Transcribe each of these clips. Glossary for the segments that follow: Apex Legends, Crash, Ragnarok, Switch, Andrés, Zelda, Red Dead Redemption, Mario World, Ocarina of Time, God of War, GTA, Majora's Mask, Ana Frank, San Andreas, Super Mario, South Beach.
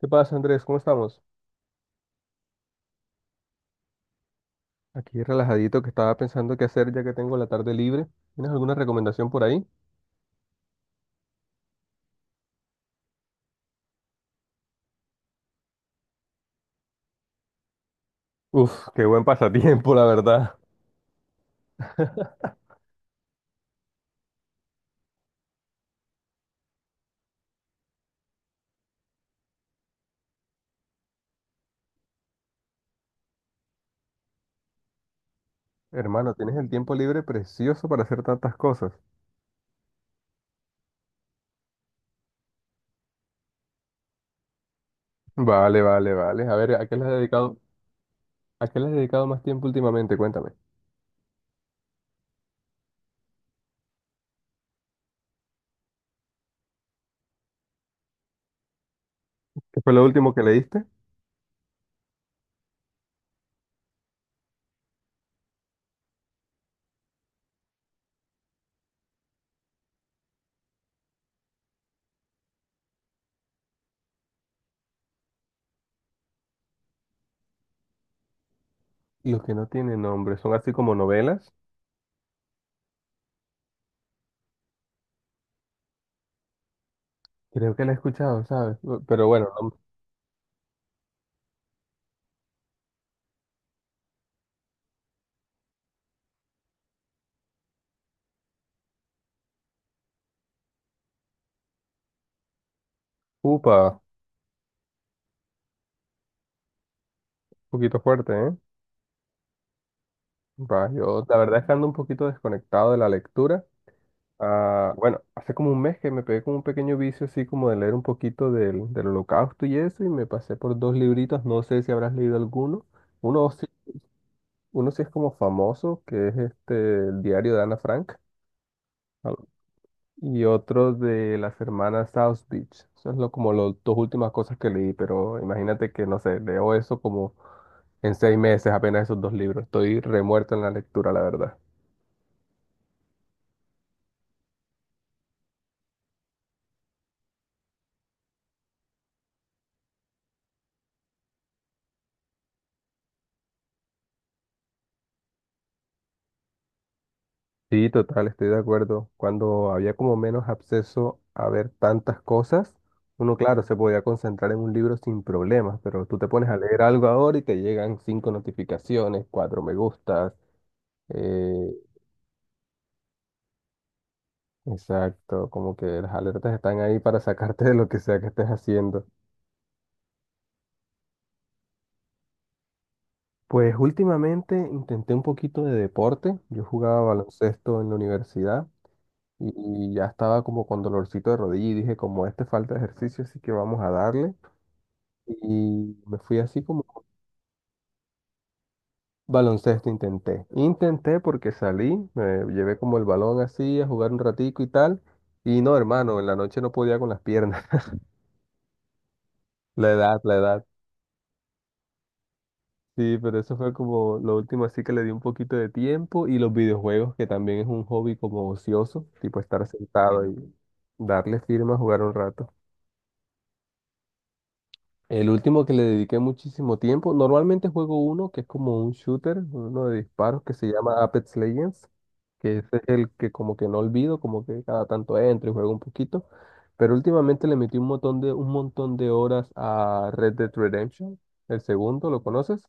¿Qué pasa, Andrés? ¿Cómo estamos? Aquí relajadito que estaba pensando qué hacer ya que tengo la tarde libre. ¿Tienes alguna recomendación por ahí? Uf, qué buen pasatiempo, la verdad. Hermano, tienes el tiempo libre precioso para hacer tantas cosas. Vale, vale, vale. A ver, ¿a qué le has dedicado más tiempo últimamente? Cuéntame. ¿Qué fue lo último que leíste? Los que no tienen nombre, son así como novelas. Creo que la he escuchado, ¿sabes? Pero bueno, upa, un poquito fuerte, ¿eh? Va, yo la verdad es que ando un poquito desconectado de la lectura. Ah, bueno, hace como un mes que me pegué con un pequeño vicio así como de leer un poquito del Holocausto y eso, y me pasé por dos libritos, no sé si habrás leído alguno. Uno sí, uno sí es como famoso, que es este el diario de Ana Frank, al- y otro de las hermanas South Beach. Eso es lo, como las dos últimas cosas que leí, pero imagínate que, no sé, leo eso como en 6 meses apenas esos dos libros. Estoy remuerto en la lectura, la verdad. Sí, total, estoy de acuerdo. Cuando había como menos acceso a ver tantas cosas, uno, claro, se podía concentrar en un libro sin problemas, pero tú te pones a leer algo ahora y te llegan 5 notificaciones, 4 me gustas. eh, exacto, como que las alertas están ahí para sacarte de lo que sea que estés haciendo. Pues últimamente intenté un poquito de deporte. Yo jugaba baloncesto en la universidad y ya estaba como con dolorcito de rodilla y dije, como este falta de ejercicio, así que vamos a darle. Y me fui así como baloncesto intenté. Intenté porque salí, me llevé como el balón así a jugar un ratico y tal. Y no, hermano, en la noche no podía con las piernas. La edad, la edad. Sí, pero eso fue como lo último así que le di un poquito de tiempo. Y los videojuegos, que también es un hobby como ocioso, tipo estar sentado y darle firma a jugar un rato. El último que le dediqué muchísimo tiempo, normalmente juego uno que es como un shooter, uno de disparos que se llama Apex Legends, que ese es el que como que no olvido, como que cada tanto entro y juego un poquito, pero últimamente le metí un montón un montón de horas a Red Dead Redemption, el segundo, ¿lo conoces?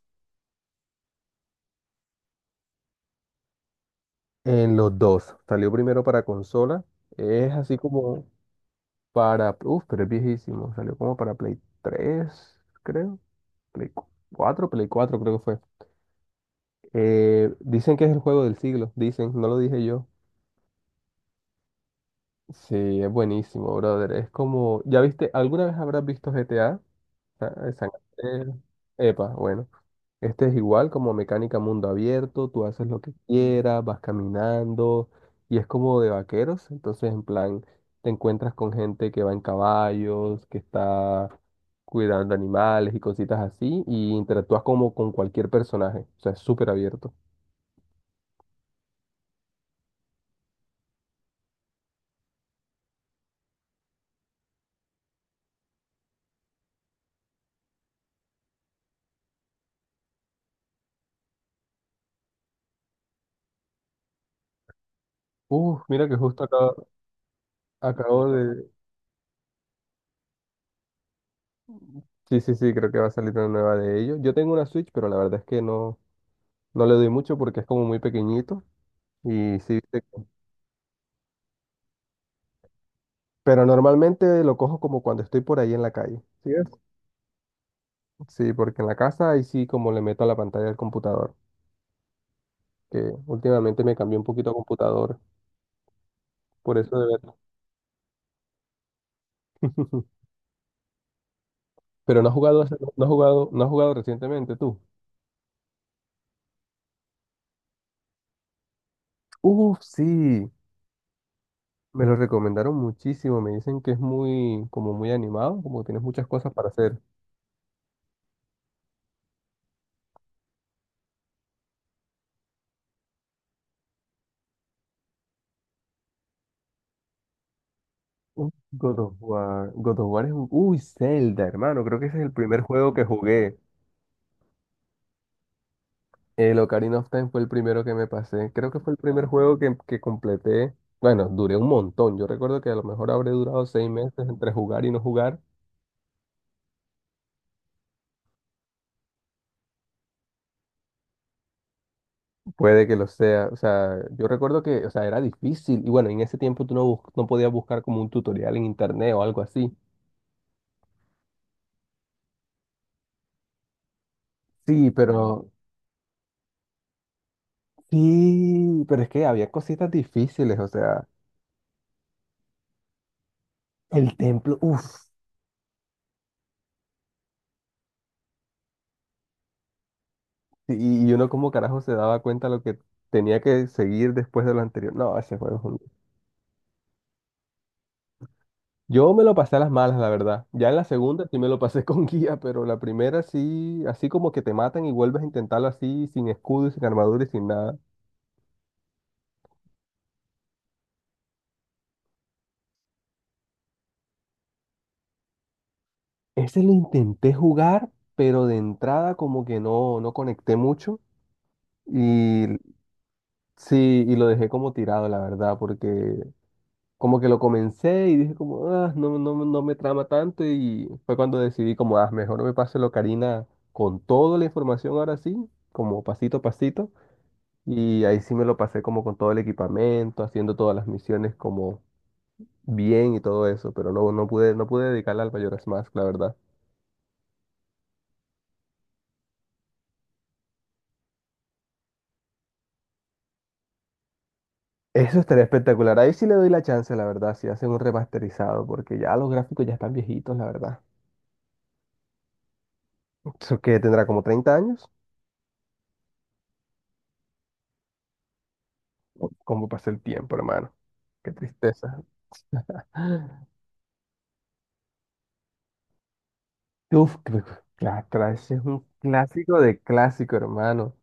En los dos, salió primero para consola, es así como para, uff, pero es viejísimo, salió como para Play 3, creo, Play 4, Play 4 creo que fue. Dicen que es el juego del siglo, dicen, no lo dije yo. Sí, es buenísimo, brother. Es como, ¿ya viste? ¿Alguna vez habrás visto GTA? Ah, San Andreas. Epa, bueno. Este es igual como mecánica mundo abierto, tú haces lo que quieras, vas caminando y es como de vaqueros, entonces en plan te encuentras con gente que va en caballos, que está cuidando animales y cositas así y interactúas como con cualquier personaje, o sea, es súper abierto. Uf, mira que justo acá. Acabo de... Sí, sí, sí, creo que va a salir una nueva de ellos. Yo tengo una Switch, pero la verdad es que no le doy mucho porque es como muy pequeñito. Y sí, pero normalmente lo cojo como cuando estoy por ahí en la calle. ¿Sí ves? Sí, porque en la casa ahí sí como le meto a la pantalla del computador, que últimamente me cambié un poquito a computador, por eso de ver. Pero no has jugado, no has jugado, no has jugado recientemente tú. Uf, sí, me lo recomendaron muchísimo. Me dicen que es muy, como muy animado, como que tienes muchas cosas para hacer. God of War. God of War es un... Uy, Zelda, hermano. Creo que ese es el primer juego que jugué. El Ocarina of Time fue el primero que me pasé. Creo que fue el primer juego que completé. Bueno, duré un montón. Yo recuerdo que a lo mejor habré durado 6 meses entre jugar y no jugar. Puede que lo sea. O sea, yo recuerdo que, o sea, era difícil. Y bueno, en ese tiempo tú no podías buscar como un tutorial en internet o algo así. Sí, pero... Sí, pero es que había cositas difíciles. O sea, el templo. Uff. Y uno como carajo se daba cuenta lo que tenía que seguir después de lo anterior. No, ese juego es un... Yo me lo pasé a las malas, la verdad. Ya en la segunda sí me lo pasé con guía, pero la primera sí, así como que te matan y vuelves a intentarlo así, sin escudo y sin armadura y sin nada. Ese lo intenté jugar, pero de entrada como que no conecté mucho. Y sí, y lo dejé como tirado, la verdad, porque como que lo comencé y dije como, ah, no me trama tanto y fue cuando decidí como, ah, mejor no me paso lo Karina con toda la información ahora sí, como pasito a pasito. Y ahí sí me lo pasé como con todo el equipamiento, haciendo todas las misiones como bien y todo eso, pero no, no pude, no pude dedicarla al Majora's Mask, la verdad. Eso estaría espectacular. Ahí sí le doy la chance, la verdad, si hacen un remasterizado, porque ya los gráficos ya están viejitos, la verdad. Eso que tendrá como 30 años. ¿Cómo pasa el tiempo, hermano? Qué tristeza. Uf, creo que la Crash es un clásico de clásico, hermano.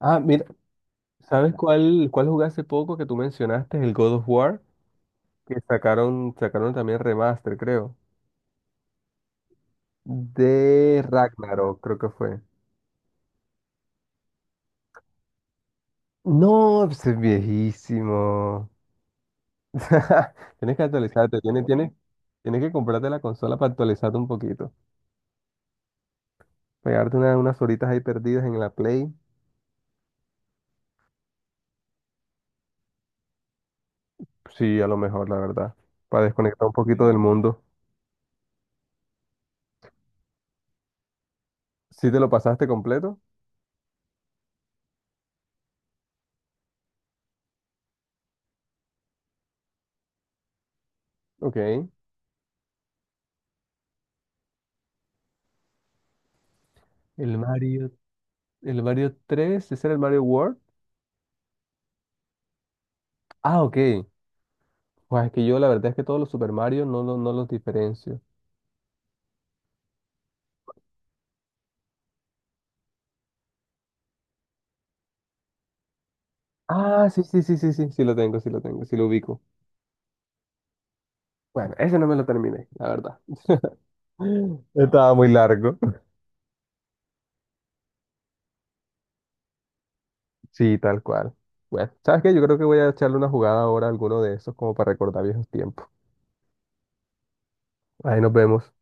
Ah, mira, ¿sabes cuál jugué hace poco que tú mencionaste? El God of War, que sacaron, sacaron también remaster, creo. De Ragnarok, creo que fue. No, pues es viejísimo. Tienes que actualizarte, tienes que comprarte la consola para actualizarte un poquito. Pegarte unas horitas ahí perdidas en la Play. Sí, a lo mejor, la verdad. Para desconectar un poquito del mundo. ¿Sí te lo pasaste completo? Ok. El Mario, el Mario 3, ¿ese era el Mario World? Ah, ok. Pues es que yo la verdad es que todos los Super Mario no los diferencio. Ah, sí lo tengo, sí lo tengo, sí lo ubico. Bueno, ese no me lo terminé, la verdad. Estaba muy largo. Sí, tal cual. Bueno, ¿sabes qué? Yo creo que voy a echarle una jugada ahora a alguno de esos como para recordar viejos tiempos. Ahí nos vemos.